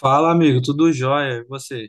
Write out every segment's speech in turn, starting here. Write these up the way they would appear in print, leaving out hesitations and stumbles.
Fala, amigo, tudo jóia? E você?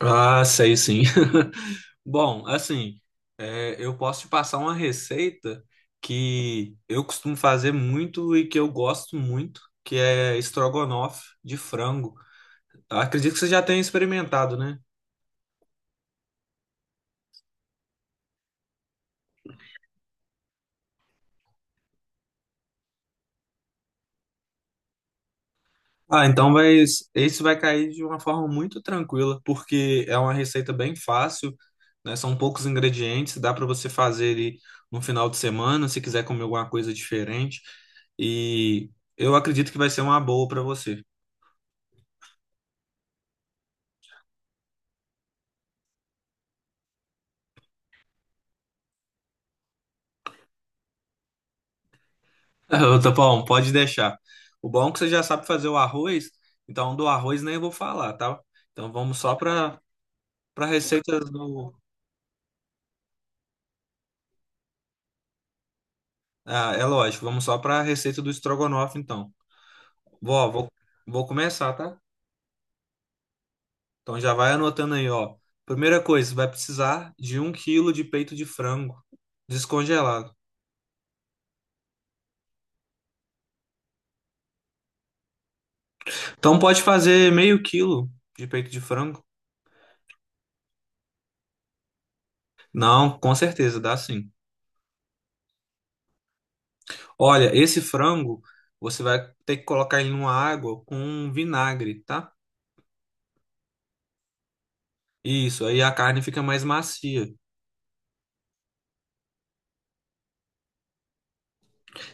Ah, sei sim. Bom, assim, eu posso te passar uma receita que eu costumo fazer muito e que eu gosto muito, que é estrogonofe de frango. Acredito que você já tenha experimentado, né? Ah, então vai, isso vai cair de uma forma muito tranquila, porque é uma receita bem fácil, né? São poucos ingredientes, dá para você fazer ele no final de semana, se quiser comer alguma coisa diferente. E eu acredito que vai ser uma boa para você. Ô, Tapão, pode deixar. O bom é que você já sabe fazer o arroz, então do arroz nem vou falar, tá? Então vamos só para receitas do. Ah, é lógico, vamos só para a receita do estrogonofe, então. Vó, vou, vou começar, tá? Então já vai anotando aí, ó. Primeira coisa, você vai precisar de um quilo de peito de frango descongelado. Então pode fazer meio quilo de peito de frango? Não, com certeza, dá sim. Olha, esse frango você vai ter que colocar ele numa água com vinagre, tá? Isso, aí a carne fica mais macia.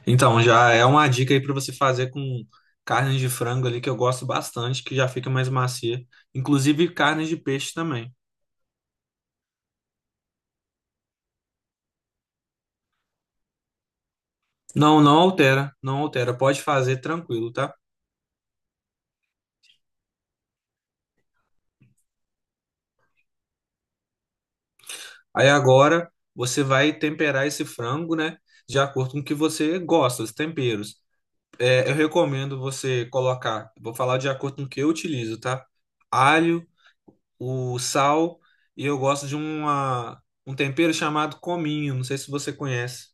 Então já é uma dica aí para você fazer com carne de frango ali que eu gosto bastante, que já fica mais macia. Inclusive carne de peixe também. Não, não altera, não altera. Pode fazer tranquilo, tá? Aí agora você vai temperar esse frango, né? De acordo com o que você gosta, os temperos. É, eu recomendo você colocar, vou falar de acordo com o que eu utilizo, tá? Alho, o sal e eu gosto um tempero chamado cominho. Não sei se você conhece.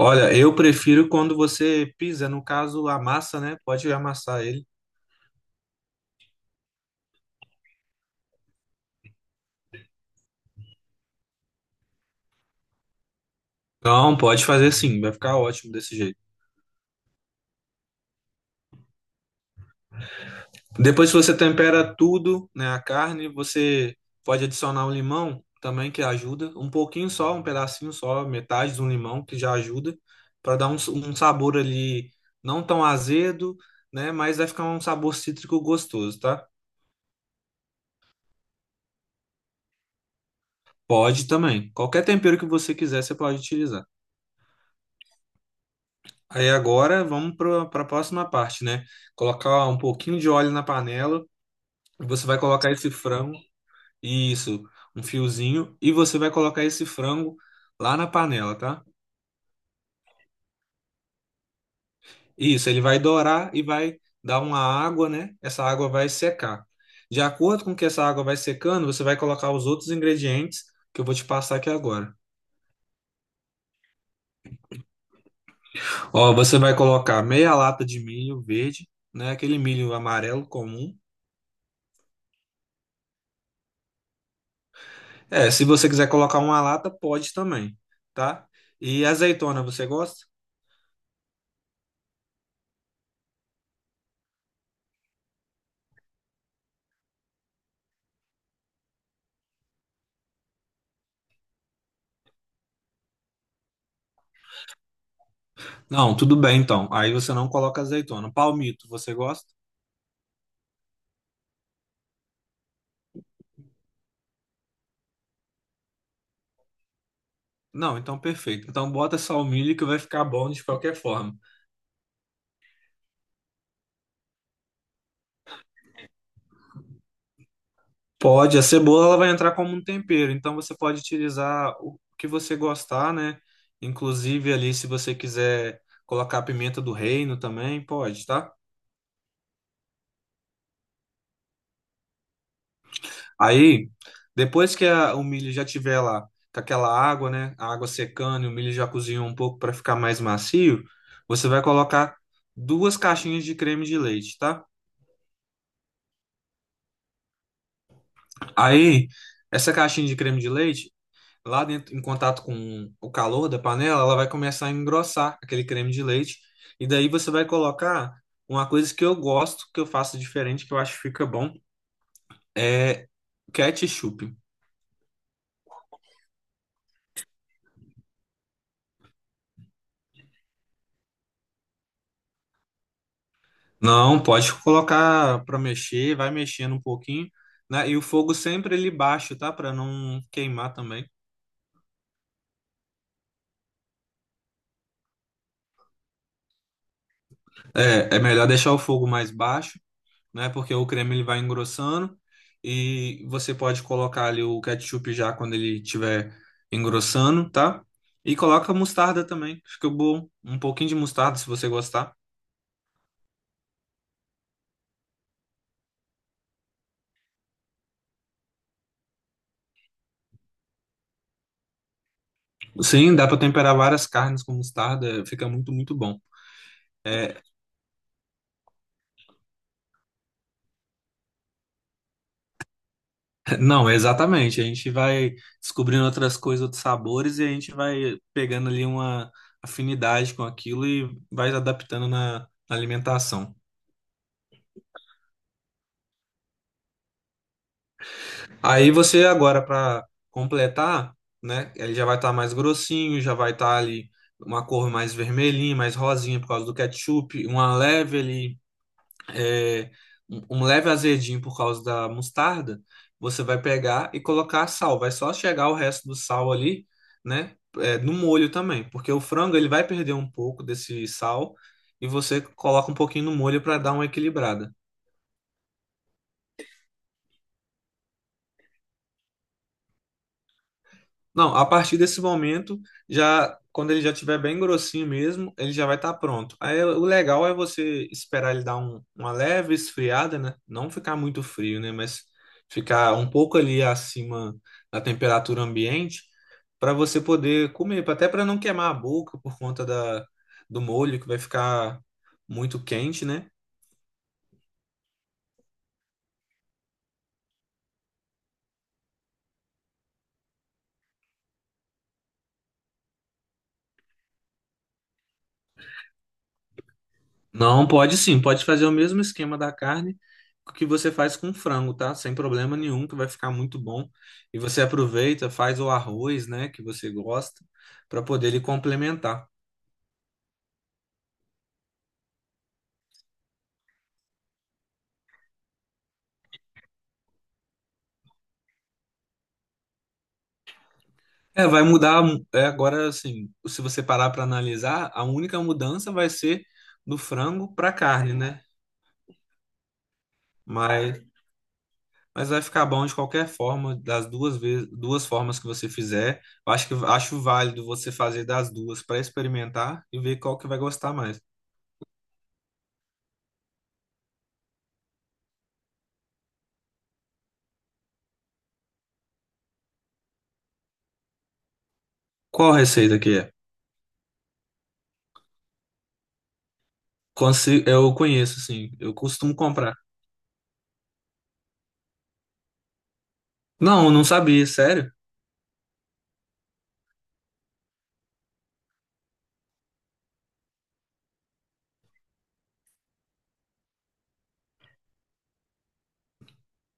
Olha, eu prefiro quando você pisa, no caso, amassa, né? Pode amassar ele. Não, pode fazer sim, vai ficar ótimo desse jeito. Depois que você tempera tudo, né, a carne, você pode adicionar um limão também que ajuda, um pouquinho só, um pedacinho só, metade de um limão que já ajuda para dar um sabor ali não tão azedo, né, mas vai ficar um sabor cítrico gostoso, tá? Pode também. Qualquer tempero que você quiser, você pode utilizar. Aí agora vamos para a próxima parte, né? Colocar um pouquinho de óleo na panela, você vai colocar esse frango. Isso, um fiozinho. E você vai colocar esse frango lá na panela, tá? Isso, ele vai dourar e vai dar uma água, né? Essa água vai secar. De acordo com que essa água vai secando, você vai colocar os outros ingredientes que eu vou te passar aqui agora. Ó, você vai colocar meia lata de milho verde, né? Aquele milho amarelo comum. É, se você quiser colocar uma lata, pode também, tá? E azeitona, você gosta? Não, tudo bem então. Aí você não coloca azeitona. Palmito, você gosta? Não, então perfeito. Então bota só o milho que vai ficar bom de qualquer forma. Pode, a cebola ela vai entrar como um tempero, então você pode utilizar o que você gostar, né? Inclusive ali se você quiser colocar a pimenta do reino também, pode, tá? Aí, depois que o milho já tiver lá com aquela água, né? A água secando e o milho já cozinhou um pouco para ficar mais macio, você vai colocar duas caixinhas de creme de leite, tá? Aí, essa caixinha de creme de leite lá dentro, em contato com o calor da panela, ela vai começar a engrossar aquele creme de leite. E daí você vai colocar uma coisa que eu gosto, que eu faço diferente, que eu acho que fica bom, é ketchup. Não, pode colocar para mexer, vai mexendo um pouquinho, né? E o fogo sempre ele baixo, tá? Para não queimar também. É, é melhor deixar o fogo mais baixo, né? Porque o creme ele vai engrossando e você pode colocar ali o ketchup já quando ele estiver engrossando, tá? E coloca mostarda também, fica bom. Um pouquinho de mostarda se você gostar. Sim, dá para temperar várias carnes com mostarda, fica muito, muito bom. É, não, exatamente. A gente vai descobrindo outras coisas, outros sabores e a gente vai pegando ali uma afinidade com aquilo e vai adaptando na alimentação. Aí você agora para completar, né? Ele já vai estar mais grossinho, já vai estar ali uma cor mais vermelhinha, mais rosinha por causa do ketchup, uma leve ali, é, um leve azedinho por causa da mostarda. Você vai pegar e colocar sal. Vai só chegar o resto do sal ali, né? É, no molho também, porque o frango ele vai perder um pouco desse sal e você coloca um pouquinho no molho para dar uma equilibrada. Não, a partir desse momento, já quando ele já tiver bem grossinho mesmo, ele já vai estar pronto. Aí o legal é você esperar ele dar uma leve esfriada, né? Não ficar muito frio, né? Mas ficar um pouco ali acima da temperatura ambiente para você poder comer, até para não queimar a boca por conta da, do molho que vai ficar muito quente, né? Não, pode sim, pode fazer o mesmo esquema da carne que você faz com frango, tá? Sem problema nenhum, que vai ficar muito bom. E você aproveita, faz o arroz, né, que você gosta, para poder ele complementar. É, vai mudar, é, agora assim, se você parar para analisar, a única mudança vai ser do frango para carne, né? Mas, mas vai ficar bom de qualquer forma, das duas vezes, duas formas que você fizer. Eu acho que acho válido você fazer das duas para experimentar e ver qual que vai gostar mais. Qual receita que é? Eu conheço, sim. Eu costumo comprar. Não, não sabia, sério.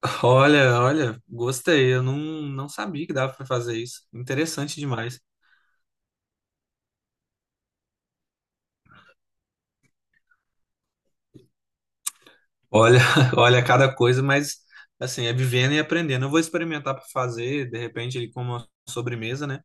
Olha, olha, gostei. Eu não, não sabia que dava pra fazer isso. Interessante demais. Olha, olha cada coisa, mas assim, é vivendo e aprendendo. Eu vou experimentar pra fazer, de repente, ele como uma sobremesa, né?